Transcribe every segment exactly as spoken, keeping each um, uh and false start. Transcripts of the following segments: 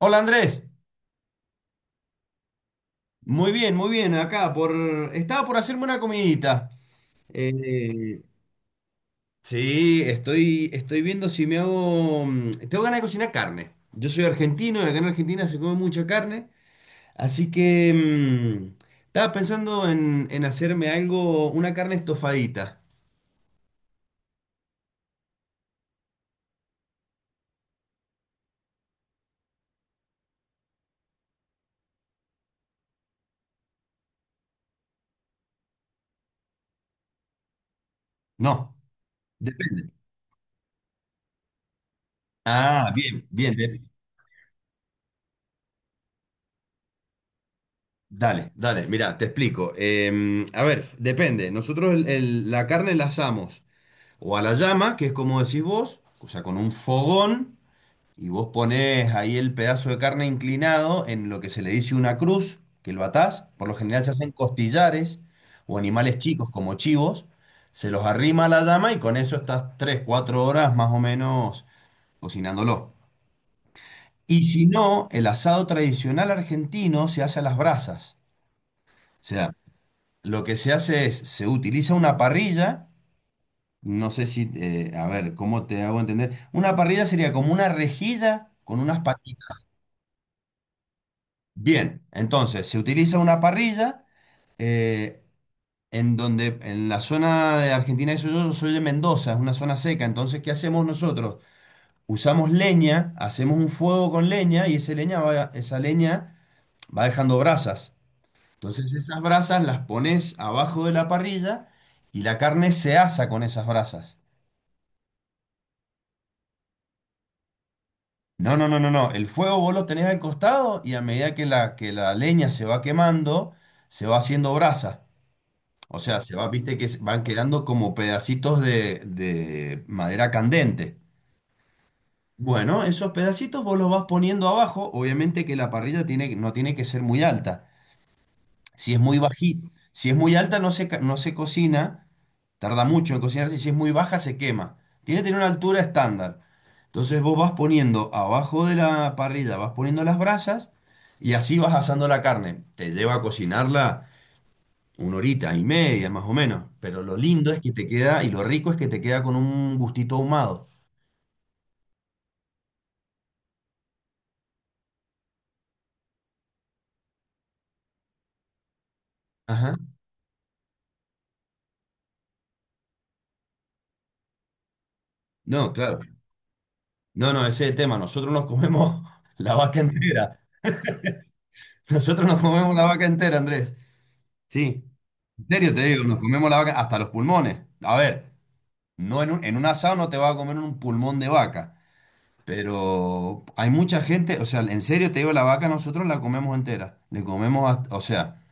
Hola Andrés, muy bien, muy bien, acá por. Estaba por hacerme una comidita. Eh, sí, estoy, estoy viendo si me hago. mm, Tengo ganas de cocinar carne. Yo soy argentino y acá en Argentina se come mucha carne, así que mm, estaba pensando en, en hacerme algo, una carne estofadita. No, depende. Ah, bien, bien, bien. Dale, dale, mira, te explico. Em, a ver, depende. Nosotros el- el- la carne la asamos. O a la llama, que es como decís vos, o sea, con un fogón, y vos ponés ahí el pedazo de carne inclinado en lo que se le dice una cruz, que lo atás. Por lo general se hacen costillares o animales chicos como chivos, se los arrima a la llama y con eso estás tres o cuatro horas más o menos cocinándolo. Y si no, el asado tradicional argentino se hace a las brasas. O sea, lo que se hace es, se utiliza una parrilla. No sé si, eh, a ver, ¿cómo te hago entender? Una parrilla sería como una rejilla con unas patitas. Bien, entonces se utiliza una parrilla eh, en donde, en la zona de Argentina, eso yo soy de Mendoza, es una zona seca, entonces, ¿qué hacemos nosotros? Usamos leña, hacemos un fuego con leña y esa leña va, esa leña va dejando brasas. Entonces esas brasas las pones abajo de la parrilla y la carne se asa con esas brasas. No, no, no, no, no. El fuego vos lo tenés al costado y a medida que la, que la leña se va quemando, se va haciendo brasa. O sea, se va, viste que se- van quedando como pedacitos de, de madera candente. Bueno, esos pedacitos vos los vas poniendo abajo. Obviamente que la parrilla tiene, no tiene que ser muy alta. Si es muy bajita, si es muy alta no se, ca- no se cocina. Tarda mucho en cocinarse y si es muy baja se quema. Tiene que tener una altura estándar. Entonces vos vas poniendo abajo de la parrilla, vas poniendo las brasas y así vas asando la carne. Te lleva a cocinarla una horita y media más o menos. Pero lo lindo es que te queda y lo rico es que te queda con un gustito ahumado. Ajá. No, claro. No, no, ese es el tema. Nosotros nos comemos la vaca entera. Nosotros nos comemos la vaca entera, Andrés. Sí. En serio te digo, nos comemos la vaca hasta los pulmones. A ver. No en un, en un asado no te vas a comer un pulmón de vaca, pero hay mucha gente, o sea, en serio te digo, la vaca nosotros la comemos entera. Le comemos, hasta- o sea,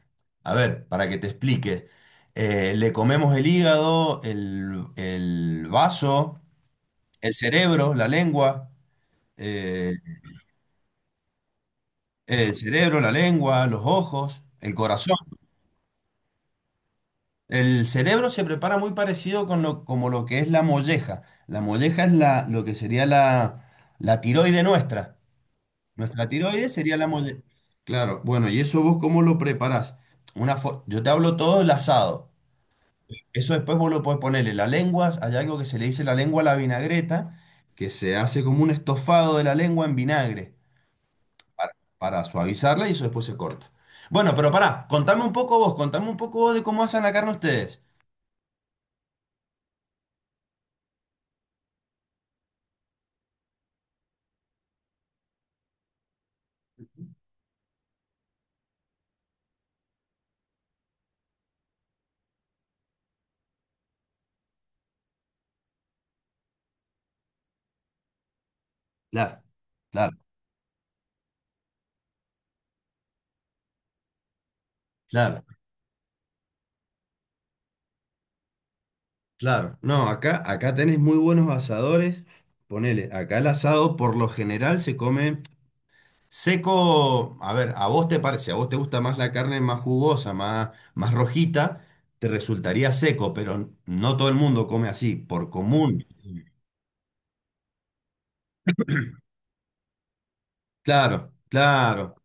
a ver, para que te explique, eh, le comemos el hígado, el, el vaso, el cerebro, la lengua, eh, el cerebro, la lengua, los ojos, el corazón. El cerebro se prepara muy parecido con lo, como lo que es la molleja. La molleja es la, lo que sería la, la tiroide nuestra. Nuestra tiroides sería la mole. Claro, bueno, ¿y eso vos cómo lo preparás? Una fo- Yo te hablo todo del asado. Eso después vos lo podés ponerle la lengua, hay algo que se le dice la lengua a la vinagreta, que se hace como un estofado de la lengua en vinagre para, para suavizarla y eso después se corta. Bueno, pero pará, contame un poco vos, contame un poco vos de cómo hacen la carne ustedes. Claro, claro, claro, claro. No, acá, acá tenés muy buenos asadores. Ponele, acá el asado por lo general se come seco, a ver, a vos te parece, a vos te gusta más la carne más jugosa, más, más rojita, te resultaría seco, pero no todo el mundo come así, por común. Claro, claro,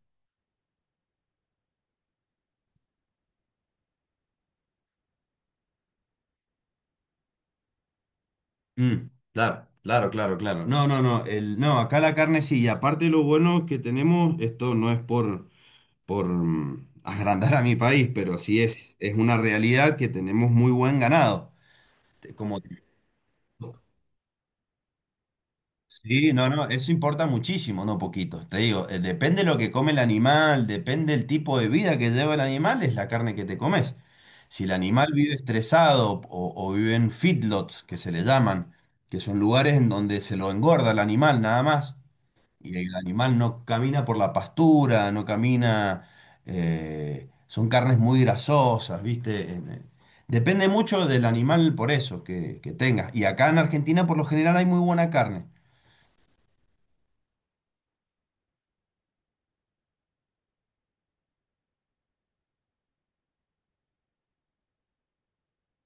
mm, claro, claro, claro, claro. No, no, no, el, no, acá la carne sí, y aparte lo bueno que tenemos, esto no es por, por mm, agrandar a mi país, pero sí es, es, una realidad que tenemos muy buen ganado. Te- Como. Sí, no, no, eso importa muchísimo, no poquito. Te digo, eh, depende lo que come el animal, depende el tipo de vida que lleva el animal, es la carne que te comes. Si el animal vive estresado o, o vive en feedlots, que se le llaman, que son lugares en donde se lo engorda el animal nada más, y el animal no camina por la pastura, no camina, eh, son carnes muy grasosas, ¿viste? En- en- Depende mucho del animal por eso que, que tengas. Y acá en Argentina por lo general hay muy buena carne.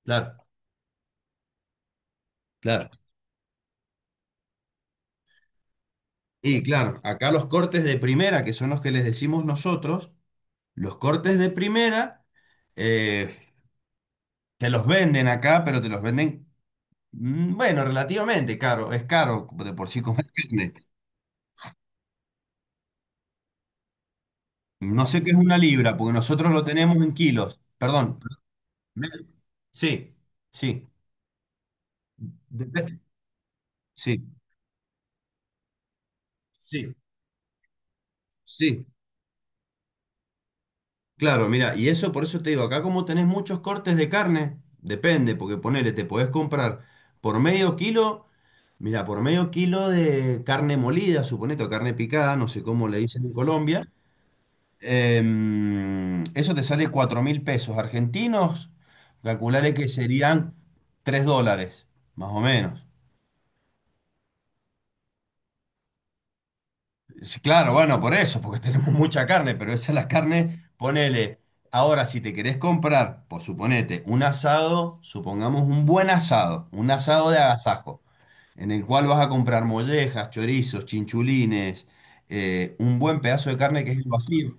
Claro. Claro. Y claro, acá los cortes de primera, que son los que les decimos nosotros, los cortes de primera eh, te los venden acá, pero te los venden, mm, bueno, relativamente caro, es caro de por sí comer carne. No sé qué es una libra, porque nosotros lo tenemos en kilos. Perdón. me- Sí, sí. Dep- Sí, sí, sí. Claro, mira, y eso por eso te digo, acá como tenés muchos cortes de carne, depende, porque ponele, te podés comprar por medio kilo, mira, por medio kilo de carne molida, suponete, o carne picada, no sé cómo le dicen en Colombia, em, eso te sale cuatro mil pesos argentinos, calcularé que serían tres dólares, más o menos. Sí, claro, bueno, por eso, porque tenemos mucha carne, pero esa es la carne, ponele. Ahora, si te querés comprar, por suponete, un asado, supongamos un buen asado, un asado de agasajo, en el cual vas a comprar mollejas, chorizos, chinchulines, eh, un buen pedazo de carne que es el vacío.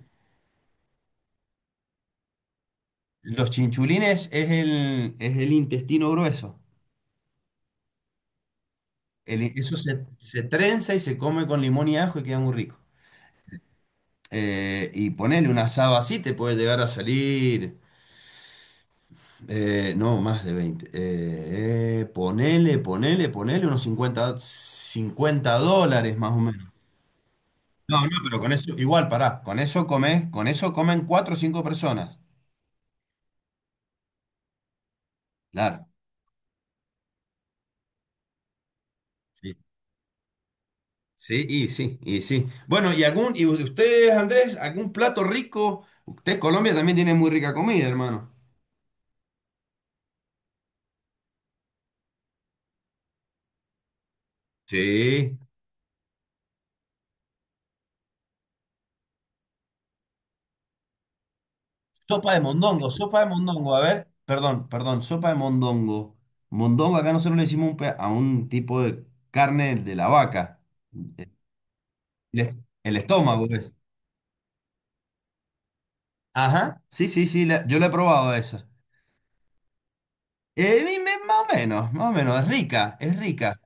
Los chinchulines es el, es el intestino grueso. El- eso se, se trenza y se come con limón y ajo y queda muy rico. Eh, y ponele un asado así, te puede llegar a salir. Eh, no, más de veinte. Eh, eh, ponele, ponele, ponele unos cincuenta cincuenta dólares más o menos. No, no, pero con eso, igual, pará, con eso comes, con eso comen cuatro o cinco personas. Claro. Sí, sí, y sí, y sí. Bueno, y algún, y ustedes, Andrés, algún plato rico. Usted, Colombia también tiene muy rica comida, hermano. Sí. Sopa de mondongo, sopa de mondongo. A ver, perdón, perdón, sopa de mondongo. Mondongo, acá nosotros le decimos un pe- a un tipo de carne de la vaca. Eh, El, es- el estómago, pues. Ajá, sí, sí, sí, la- yo la he probado esa. Eh, dime, más o menos, más o menos, es rica, es rica.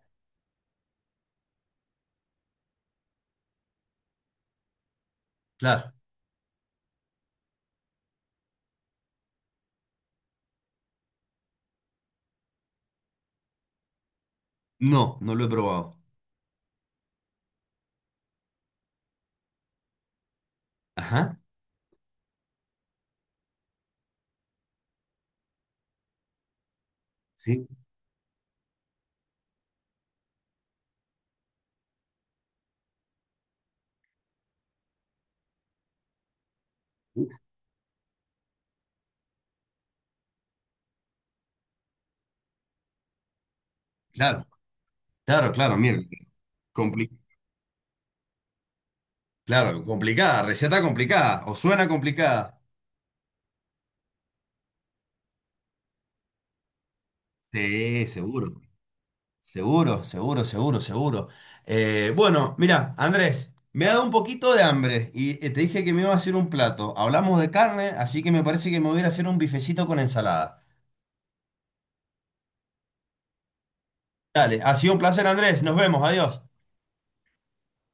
Claro. No, no lo he probado. Ajá, sí, uf, claro, claro, claro, mira. compli- claro, complicada, receta complicada, o suena complicada. Sí, seguro. Seguro, seguro, seguro, seguro. Eh, bueno, mira, Andrés, me ha dado un poquito de hambre y eh, te dije que me iba a hacer un plato. Hablamos de carne, así que me parece que me voy a ir a hacer un bifecito con ensalada. Dale, ha sido un placer, Andrés. Nos vemos, adiós.